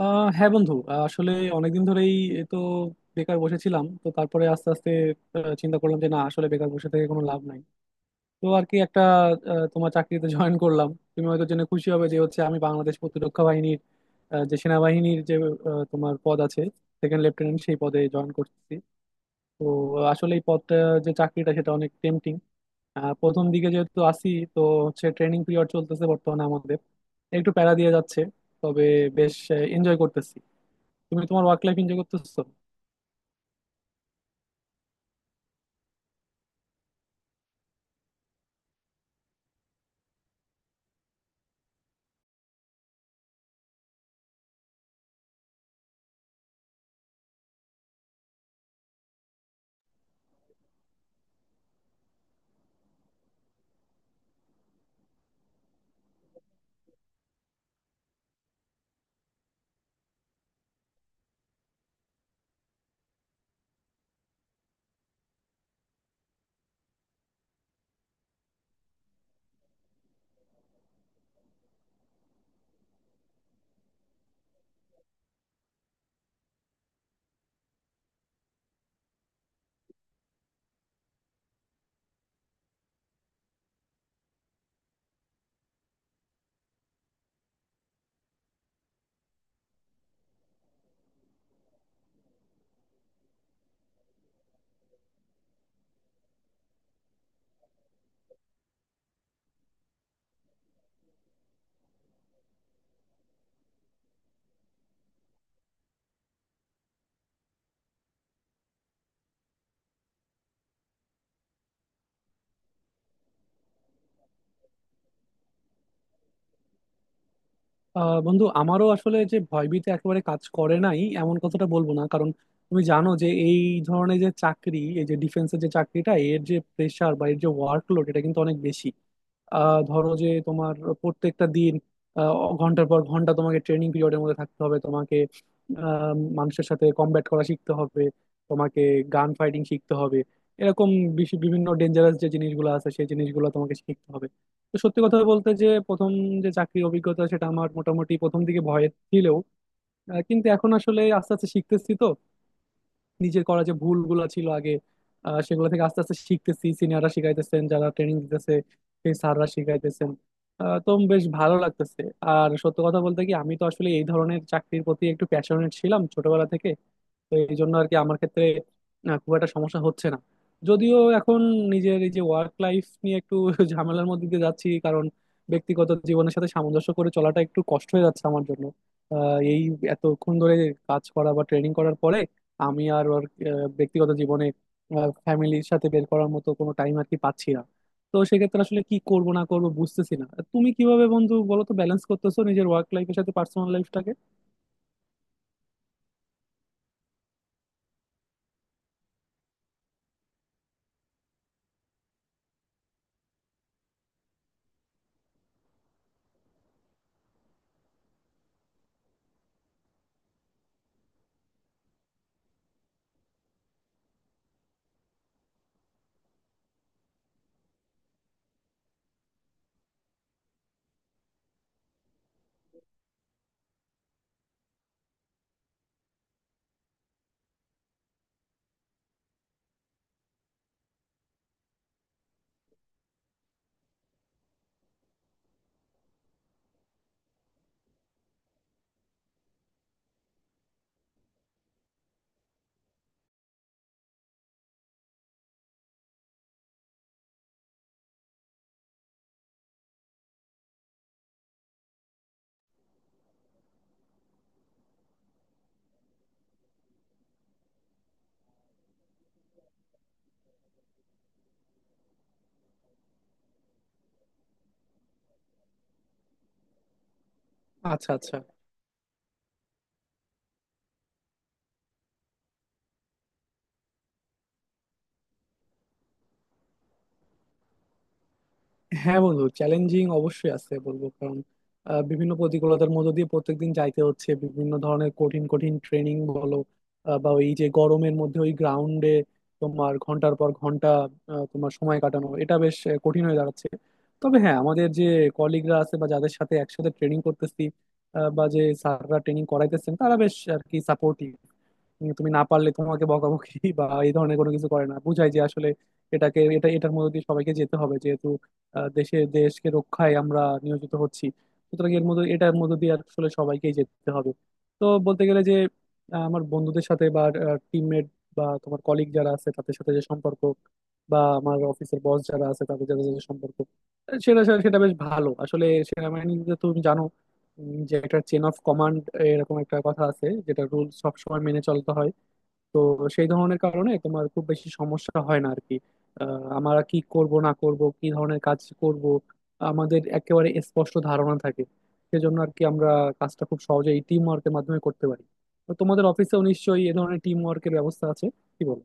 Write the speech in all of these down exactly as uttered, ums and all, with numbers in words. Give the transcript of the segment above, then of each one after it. আহ হ্যাঁ বন্ধু, আহ, আসলে অনেকদিন ধরেই এ তো বেকার বসেছিলাম। তো তারপরে আস্তে আস্তে আহ, চিন্তা করলাম যে না, আসলে বেকার বসে থেকে কোনো লাভ নাই। তো আর কি একটা আহ, তোমার চাকরিতে জয়েন করলাম। তুমি হয়তো জেনে খুশি হবে যে হচ্ছে আমি বাংলাদেশ প্রতিরক্ষা বাহিনীর আহ, যে সেনাবাহিনীর, যে আহ, তোমার পদ আছে সেকেন্ড লেফটেন্যান্ট, সেই পদে জয়েন করছি। তো আহ, আসলে এই পদটা, যে চাকরিটা, সেটা অনেক টেম্পটিং। প্রথম দিকে যেহেতু আসি, তো হচ্ছে ট্রেনিং পিরিয়ড চলতেছে বর্তমানে আমাদের, একটু প্যারা দিয়ে যাচ্ছে। তবে বেশ এনজয় করতেছি। তুমি তোমার ওয়ার্ক লাইফ এনজয় করতেছো? আহ, বন্ধু, আমারও আসলে যে ভয়ভীতি একেবারে কাজ করে নাই এমন কথাটা বলবো না, কারণ তুমি জানো যে এই ধরনের যে চাকরি, এই যে ডিফেন্সের যে চাকরিটা, এর যে প্রেশার বা এর যে ওয়ার্কলোড এটা কিন্তু অনেক বেশি। আহ ধরো যে তোমার প্রত্যেকটা দিন আহ, ঘন্টার পর ঘন্টা তোমাকে ট্রেনিং পিরিয়ডের মধ্যে থাকতে হবে। তোমাকে আহ, মানুষের সাথে কমব্যাট করা শিখতে হবে। তোমাকে গান ফাইটিং শিখতে হবে। এরকম বিশ- বিভিন্ন ডেঞ্জারাস যে জিনিসগুলো আছে সেই জিনিসগুলো তোমাকে শিখতে হবে। তো সত্যি কথা বলতে, যে প্রথম যে চাকরির অভিজ্ঞতা সেটা আমার মোটামুটি প্রথম দিকে ভয় ছিলেও আহ, কিন্তু এখন আসলে আস্তে আস্তে শিখতেছি। তো নিজের করা যে ভুলগুলো ছিল আগে, আহ, সেগুলো থেকে আস্তে আস্তে শিখতেছি, সিনিয়ররা শিখাইতেছেন, যারা ট্রেনিং দিতেছে সেই স্যাররা শিখাইতেছেন। আহ, তো বেশ ভালো লাগতেছে। আর সত্য কথা বলতে কি, আমি তো আসলে এই ধরনের চাকরির প্রতি একটু প্যাশনেট ছিলাম ছোটবেলা থেকে। তো এই জন্য আর কি আমার ক্ষেত্রে আহ, খুব একটা সমস্যা হচ্ছে না। যদিও এখন নিজের এই যে ওয়ার্ক লাইফ নিয়ে একটু ঝামেলার মধ্যে দিয়ে যাচ্ছি, কারণ ব্যক্তিগত জীবনের সাথে সামঞ্জস্য করে চলাটা একটু কষ্ট হয়ে যাচ্ছে আমার জন্য। আহ, এই এতক্ষণ ধরে কাজ করা বা ট্রেনিং করার পরে আমি আর ওর আহ, ব্যক্তিগত জীবনে, ফ্যামিলির সাথে বের করার মতো কোনো টাইম আর কি পাচ্ছি না। তো সেক্ষেত্রে আসলে কি করবো না করবো বুঝতেছি না। তুমি কিভাবে বন্ধু বলো তো, ব্যালেন্স করতেছো নিজের ওয়ার্ক লাইফের সাথে পার্সোনাল লাইফটাকে? আচ্ছা, আচ্ছা। হ্যাঁ বন্ধু, চ্যালেঞ্জিং অবশ্যই আছে বলবো, কারণ আহ, বিভিন্ন প্রতিকূলতার মধ্য দিয়ে প্রত্যেকদিন যাইতে হচ্ছে, বিভিন্ন ধরনের কঠিন কঠিন ট্রেনিং বলো আহ, বা ওই যে গরমের মধ্যে ওই গ্রাউন্ডে তোমার ঘন্টার পর ঘন্টা আহ, তোমার সময় কাটানো, এটা বেশ আহ, কঠিন হয়ে দাঁড়াচ্ছে। তবে হ্যাঁ আমাদের যে কলিগরা আছে বা যাদের সাথে একসাথে ট্রেনিং করতেছি আহ, বা যে স্যাররা ট্রেনিং করাইতেছেন, তারা বেশ আর কি সাপোর্টিভ। উম, তুমি না পারলে তোমাকে বকাবকি বা এই ধরনের কোনো কিছু করে না, বুঝায় যে আসলে এটাকে এটা এটার মধ্যে দিয়ে সবাইকে যেতে হবে, যেহেতু আহ, দেশে দেশকে রক্ষায় আমরা নিয়োজিত হচ্ছি। সুতরাং এর মধ্যে এটার মধ্যে দিয়ে আসলে সবাইকেই যেতে হবে। তো বলতে গেলে যে আহ, আমার বন্ধুদের সাথে বা টিমমেট বা তোমার কলিগ যারা আছে তাদের সাথে যে সম্পর্ক, বা আমার অফিসের বস যারা আছে তাদের সাথে যে সম্পর্ক, আহ, সেটা সেটা বেশ ভালো। আসলে সেনাবাহিনীতে তো তুমি জানো, উম, যে একটা চেন অফ কমান্ড এরকম একটা কথা আছে, যেটা রুল সবসময় মেনে চলতে হয়। তো সেই ধরনের কারণে তোমার খুব বেশি সমস্যা হয় না আর কি। আহ, আমরা কি করব না করব, কি ধরনের কাজ করব আমাদের একেবারে স্পষ্ট ধারণা থাকে। সেজন্য আর কি আমরা কাজটা খুব সহজে এই টিম ওয়ার্কের মাধ্যমে করতে পারি। তো তোমাদের অফিসেও নিশ্চয়ই এ ধরনের টিম ওয়ার্কের ব্যবস্থা আছে, কি বলো?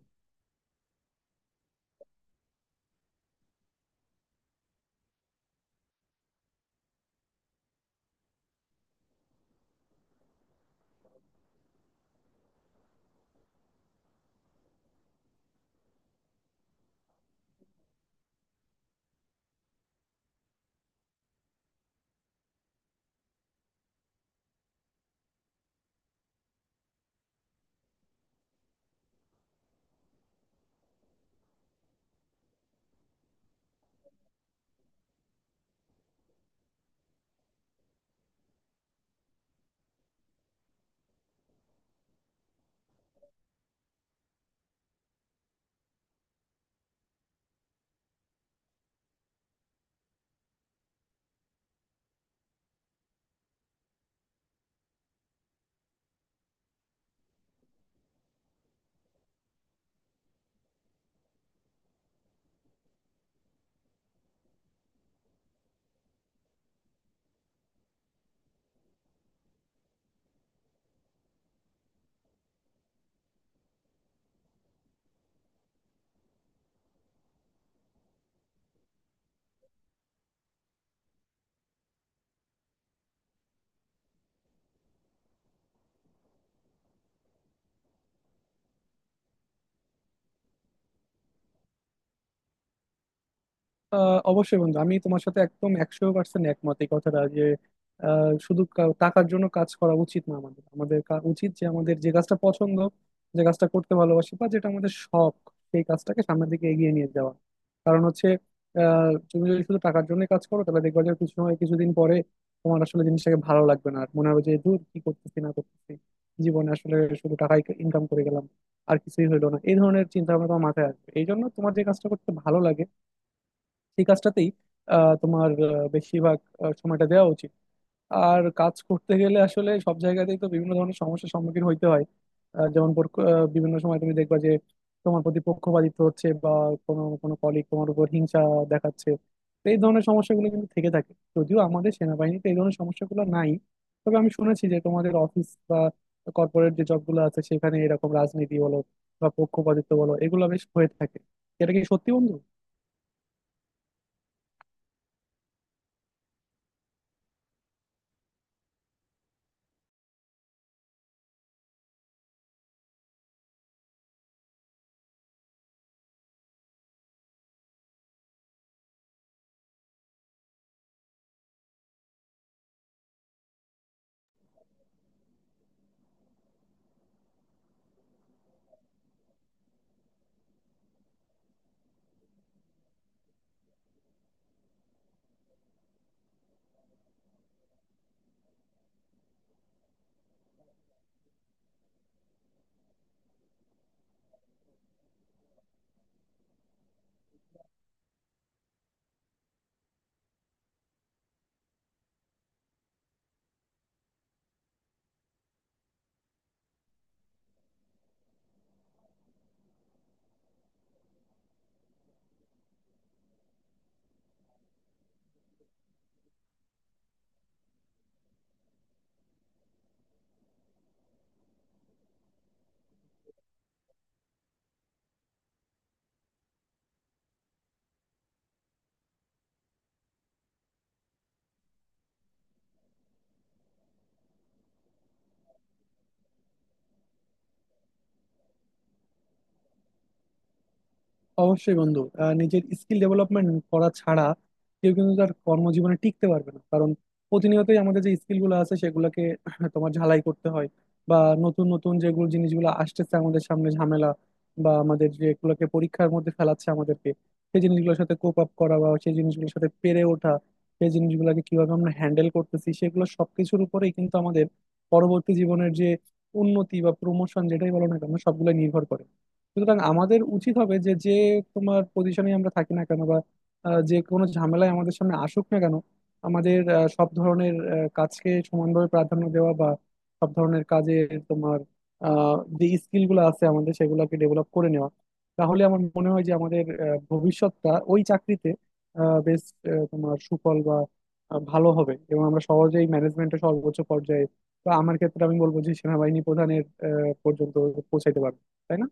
আহ অবশ্যই বন্ধু, আমি তোমার সাথে একদম একশো পার্সেন্ট একমত। এই কথাটা যে আহ, শুধু কা- টাকার জন্য কাজ করা উচিত না আমাদের আমাদের কা- উচিত যে আমাদের যে কাজটা পছন্দ, যে কাজটা করতে ভালোবাসি বা যেটা আমাদের শখ, সেই কাজটাকে সামনের দিকে এগিয়ে নিয়ে যাওয়া। কারণ হচ্ছে আহ, তুমি যদি শুধু টাকার জন্য কাজ করো, তাহলে দেখবা যে কিছু সময় কিছুদিন পরে তোমার আসলে জিনিসটাকে ভালো লাগবে না। আর মনে হবে যে দূর কি করতেছি না করতেছি, জীবনে আসলে শুধু টাকাই ইনকাম করে গেলাম, আর কিছুই হলো না। এই ধরনের চিন্তা ভাবনা তোমার মাথায় আসবে। এই জন্য তোমার যে কাজটা করতে ভালো লাগে সেই কাজটাতেই আহ, তোমার আহ, বেশিরভাগ আহ, সময়টা দেওয়া উচিত। আর কাজ করতে গেলে আসলে সব জায়গাতেই তো বিভিন্ন ধরনের সমস্যার সম্মুখীন হইতে হয়। আহ, যেমন পর- আহ, বিভিন্ন সময় তুমি দেখবা যে তোমার প্রতি পক্ষপাতিত্ব হচ্ছে, বা কোনো কোনো কলিগ তোমার উপর হিংসা দেখাচ্ছে। তো এই ধরনের সমস্যাগুলো কিন্তু থেকে থাকে। যদিও আমাদের সেনাবাহিনীতে এই ধরনের সমস্যাগুলো নাই। তবে আমি শুনেছি যে তোমাদের অফিস বা কর্পোরেট যে জবগুলো আছে সেখানে এরকম রাজনীতি বলো বা পক্ষপাতিত্ব বলো এগুলো বেশ হয়ে থাকে। এটা কি সত্যি বন্ধু? অবশ্যই বন্ধু, আহ, নিজের স্কিল ডেভেলপমেন্ট করা ছাড়া কেউ কিন্তু তার কর্মজীবনে টিকতে পারবে না, কারণ প্রতিনিয়তই আমাদের যে স্কিল গুলো আছে সেগুলোকে তোমার ঝালাই করতে হয়, বা নতুন নতুন যেগুলো জিনিসগুলো আসতেছে আমাদের সামনে ঝামেলা বা আমাদের যেগুলোকে পরীক্ষার মধ্যে ফেলাচ্ছে আমাদেরকে, সেই জিনিসগুলোর সাথে কোপ আপ করা বা সেই জিনিসগুলোর সাথে পেরে ওঠা, সেই জিনিসগুলোকে কিভাবে আমরা হ্যান্ডেল করতেছি, সেগুলো সবকিছুর উপরেই কিন্তু আমাদের পরবর্তী জীবনের যে উন্নতি বা প্রমোশন যেটাই বলো না কেন সবগুলো নির্ভর করে। সুতরাং আমাদের উচিত হবে যে যে তোমার পজিশনে আমরা থাকি না কেন, বা আহ, যে কোনো ঝামেলায় আমাদের সামনে আসুক না কেন, আমাদের আহ, সব ধরনের আহ, কাজকে সমানভাবে প্রাধান্য দেওয়া বা সব ধরনের কাজে তোমার আহ, যে স্কিলগুলো আছে আমাদের সেগুলোকে ডেভেলপ করে নেওয়া। তাহলে আমার মনে হয় যে আমাদের আহ, ভবিষ্যৎটা ওই চাকরিতে আহ, বেশ আহ, তোমার সুফল বা আহ, ভালো হবে, এবং আমরা সহজেই ম্যানেজমেন্টের সর্বোচ্চ পর্যায়ে, বা আমার ক্ষেত্রে আমি বলবো যে সেনাবাহিনী প্রধানের আহ, পর্যন্ত পৌঁছাইতে পারবো। তাই না?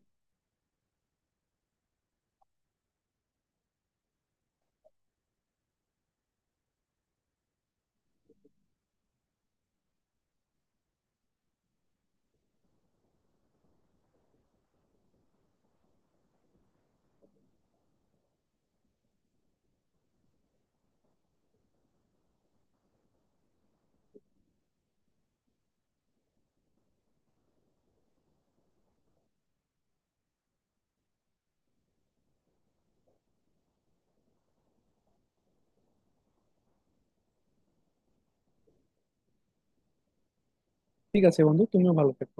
ঠিক আছে বন্ধু, তুমিও ভালো থেকো।